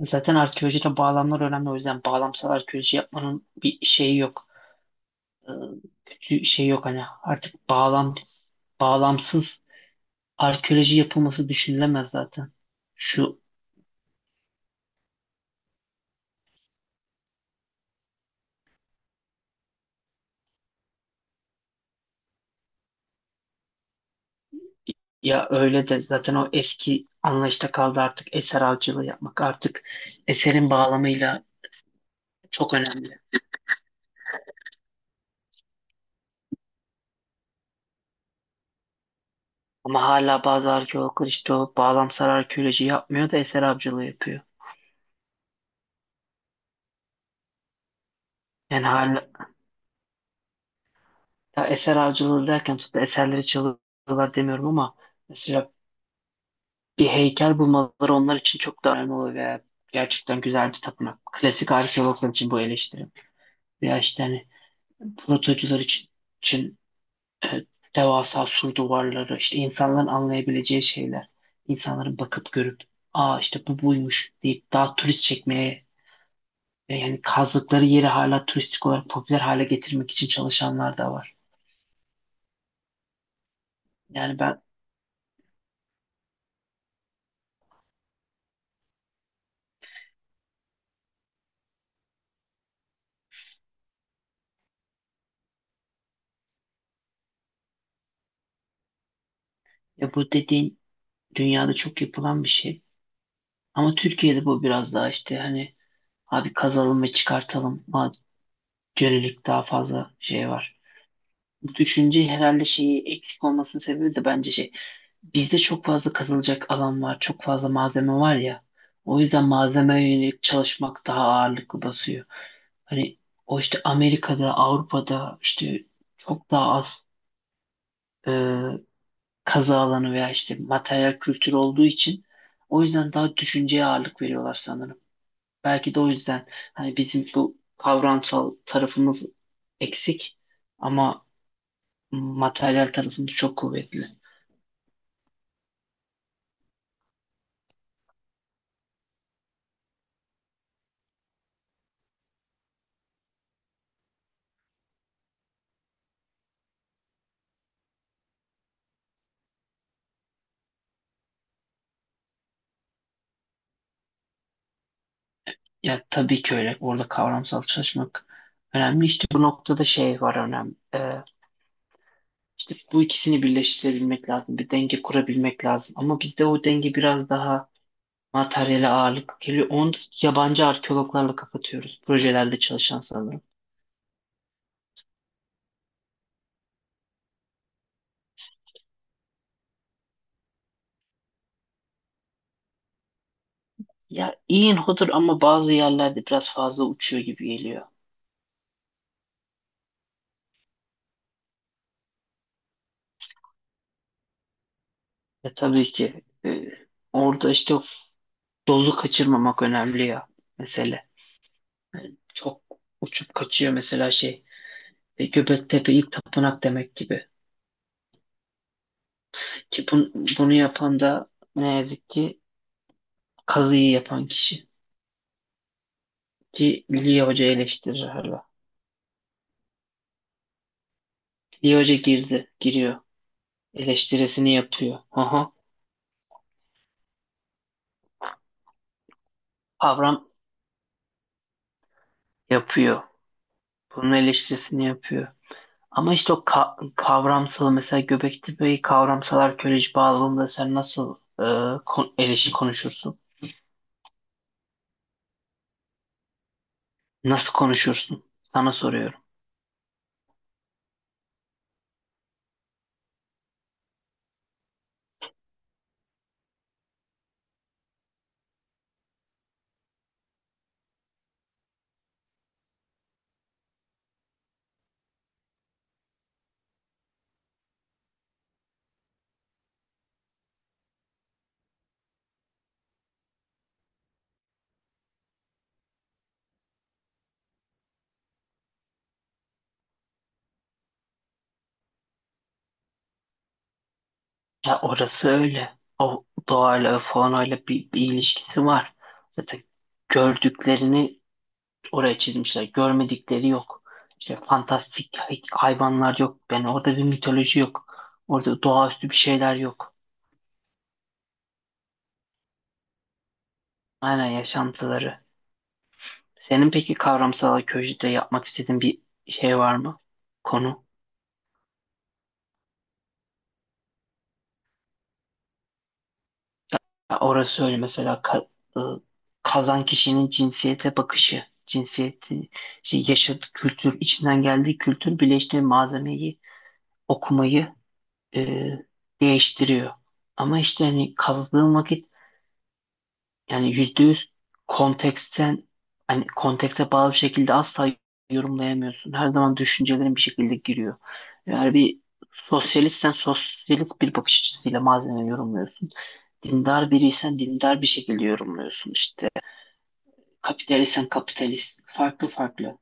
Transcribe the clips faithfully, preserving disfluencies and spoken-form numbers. Zaten arkeolojide bağlamlar önemli. O yüzden bağlamsal arkeoloji yapmanın bir şeyi yok. Ee, kötü şey yok hani. Artık bağlam, bağlamsız arkeoloji yapılması düşünülemez zaten. Şu Ya öyle de zaten o eski anlayışta kaldı artık eser avcılığı yapmak. Artık eserin bağlamıyla çok önemli. Ama hala bazı arkeologlar işte o bağlamsal arkeoloji yapmıyor da eser avcılığı yapıyor. Yani hala ya eser avcılığı derken tabii eserleri çalıyorlar demiyorum ama mesela bir heykel bulmaları onlar için çok da önemli oluyor veya gerçekten güzel bir tapınak. Klasik arkeologlar için bu eleştiri. Veya işte hani protocular için, için e, devasa sur duvarları, işte insanların anlayabileceği şeyler. İnsanların bakıp görüp aa işte bu buymuş deyip daha turist çekmeye e, yani kazdıkları yeri hala turistik olarak popüler hale getirmek için çalışanlar da var. Yani ben Ya bu dediğin dünyada çok yapılan bir şey. Ama Türkiye'de bu biraz daha işte hani abi kazalım ve çıkartalım. Ama yönelik daha fazla şey var. Bu düşünce herhalde şeyi eksik olmasının sebebi de bence şey. Bizde çok fazla kazılacak alan var. Çok fazla malzeme var ya. O yüzden malzemeye yönelik çalışmak daha ağırlıklı basıyor. Hani o işte Amerika'da, Avrupa'da işte çok daha az e, kazı alanı veya işte materyal kültürü olduğu için o yüzden daha düşünceye ağırlık veriyorlar sanırım. Belki de o yüzden hani bizim bu kavramsal tarafımız eksik ama materyal tarafımız çok kuvvetli. Ya tabii ki öyle. Orada kavramsal çalışmak önemli. İşte bu noktada şey var önemli. Ee, işte bu ikisini birleştirebilmek lazım. Bir denge kurabilmek lazım. Ama bizde o denge biraz daha materyale ağırlık geliyor. Onu da yabancı arkeologlarla kapatıyoruz. Projelerde çalışan sanırım. Ya iyi hodur ama bazı yerlerde biraz fazla uçuyor gibi geliyor. Ya tabii ki e, orada işte dozu kaçırmamak önemli ya mesele. Çok uçup kaçıyor mesela şey e, Göbektepe ilk tapınak demek gibi. Ki bun- bunu yapan da ne yazık ki kazıyı yapan kişi. Ki Liye Hoca eleştirir hala. Liye Hoca girdi, giriyor. Eleştirisini yapıyor. Aha. Avram yapıyor. Bunun eleştirisini yapıyor. Ama işte o ka- kavramsal mesela Göbekli Bey kavramsalar köleci bağlamında sen nasıl e, kon- eleşi konuşursun? Nasıl konuşursun? Sana soruyorum. Ya orası öyle. O doğayla falan öyle bir, bir ilişkisi var. Zaten gördüklerini oraya çizmişler. Görmedikleri yok. İşte fantastik hay- hayvanlar yok. Yani orada bir mitoloji yok. Orada doğaüstü bir şeyler yok. Aynen yaşantıları. Senin peki kavramsal arkeolojide yapmak istediğin bir şey var mı? Konu. Ya orası öyle mesela ka- ı, kazan kişinin cinsiyete bakışı, cinsiyeti, şey, yaşadığı kültür, içinden geldiği kültür birleştiği malzemeyi okumayı e, değiştiriyor. Ama işte hani kazdığın vakit yani yüzde yüz konteksten hani kontekste bağlı bir şekilde asla yorumlayamıyorsun. Her zaman düşüncelerin bir şekilde giriyor. Eğer bir sosyalistsen sosyalist bir bakış açısıyla malzemeyi yorumluyorsun. Dindar biriysen dindar bir şekilde yorumluyorsun. İşte. Kapitalistsen kapitalist. Farklı farklı.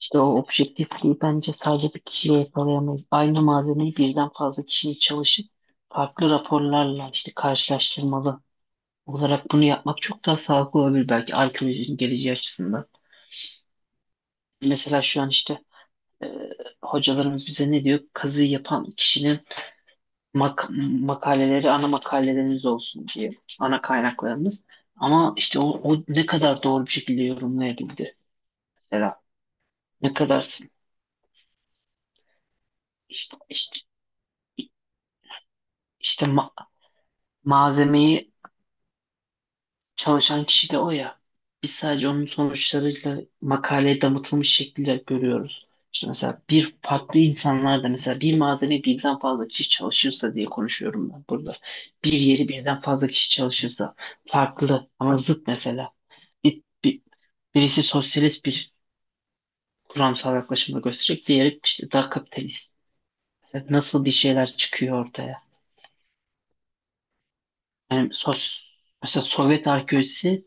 İşte o objektifliği bence sadece bir kişiyle yakalayamayız. Aynı malzemeyi birden fazla kişinin çalışıp farklı raporlarla işte karşılaştırmalı olarak bunu yapmak çok daha sağlıklı olabilir belki arkeolojinin geleceği açısından. Mesela şu an işte e, hocalarımız bize ne diyor? Kazıyı yapan kişinin mak makaleleri ana makalelerimiz olsun diye ana kaynaklarımız. Ama işte o, o ne kadar doğru bir şekilde yorumlayabildi mesela. Ne kadarsın? İşte, işte, işte ma- malzemeyi çalışan kişi de o ya. Biz sadece onun sonuçlarıyla makaleye damıtılmış şekliyle görüyoruz. İşte mesela bir farklı insanlar da mesela bir malzeme birden fazla kişi çalışırsa diye konuşuyorum ben burada. Bir yeri birden fazla kişi çalışırsa farklı ama zıt mesela. Bir, bir- Birisi sosyalist bir kuramsal yaklaşımda gösterecek, diğeri işte daha kapitalist. Mesela nasıl bir şeyler çıkıyor ortaya? Yani sos, Mesela Sovyet arkeolojisi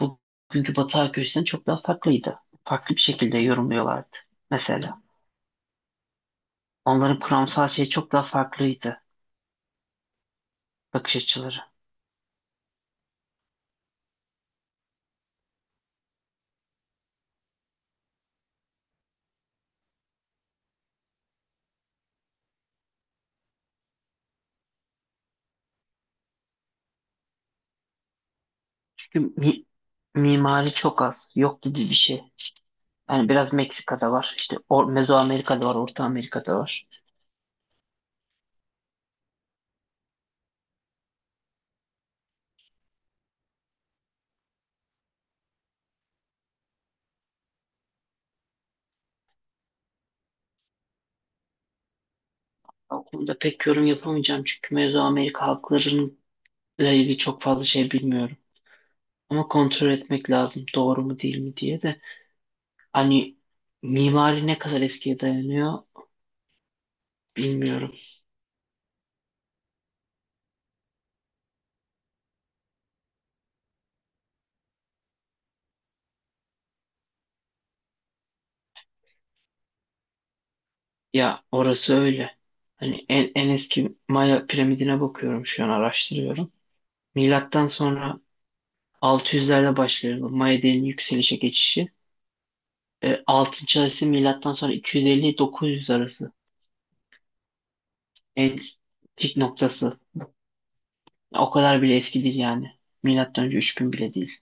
bugünkü Batı arkeolojisinden çok daha farklıydı. Farklı bir şekilde yorumluyorlardı mesela. Onların kuramsal şeyi çok daha farklıydı bakış açıları. Çünkü mi- mimari çok az, yok gibi bir şey. Yani biraz Meksika'da var, işte Or Mezoamerika'da var, Orta Amerika'da var. O konuda pek yorum yapamayacağım çünkü Mezoamerika halklarıyla ilgili çok fazla şey bilmiyorum. Ama kontrol etmek lazım doğru mu değil mi diye de. Hani mimari ne kadar eskiye dayanıyor bilmiyorum. Ya orası öyle. Hani en, en eski Maya piramidine bakıyorum şu an araştırıyorum. Milattan sonra altı yüzlerde başlıyor bu Maya dilinin yükselişe geçişi. E, altıncı arası milattan sonra 250-900 arası. En pik noktası. O kadar bile eski değil yani. Milattan önce üç bin bile değil.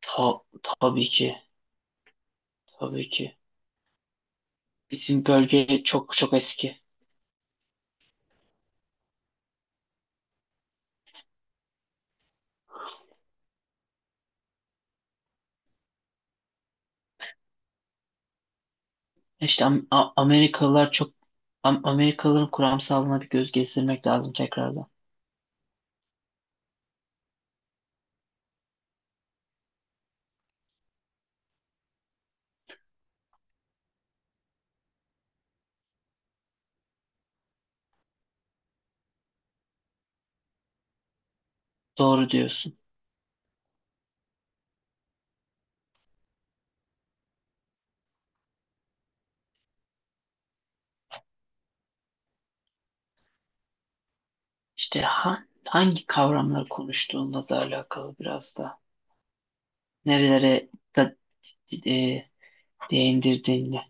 Ta, tabii ki. Tabii ki. Bizim bölge çok çok eski. İşte Am- A- Amerikalılar çok Am- Amerikalıların kuramsalına bir göz gezdirmek lazım tekrardan. Doğru diyorsun. İşte ha- hangi kavramları konuştuğunla da alakalı biraz da. Nerelere da, e, değindirdiğinle.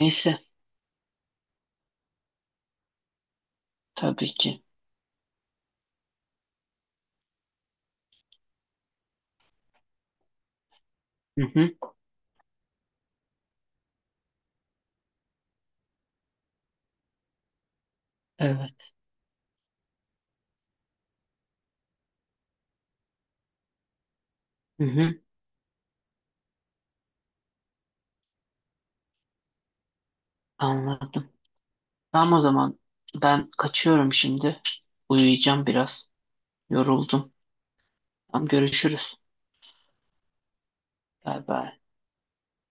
Neyse tabii ki. Hı hı, evet. Hı hı, anladım. Tamam o zaman ben kaçıyorum şimdi. Uyuyacağım biraz. Yoruldum. Tamam görüşürüz. Bay bay.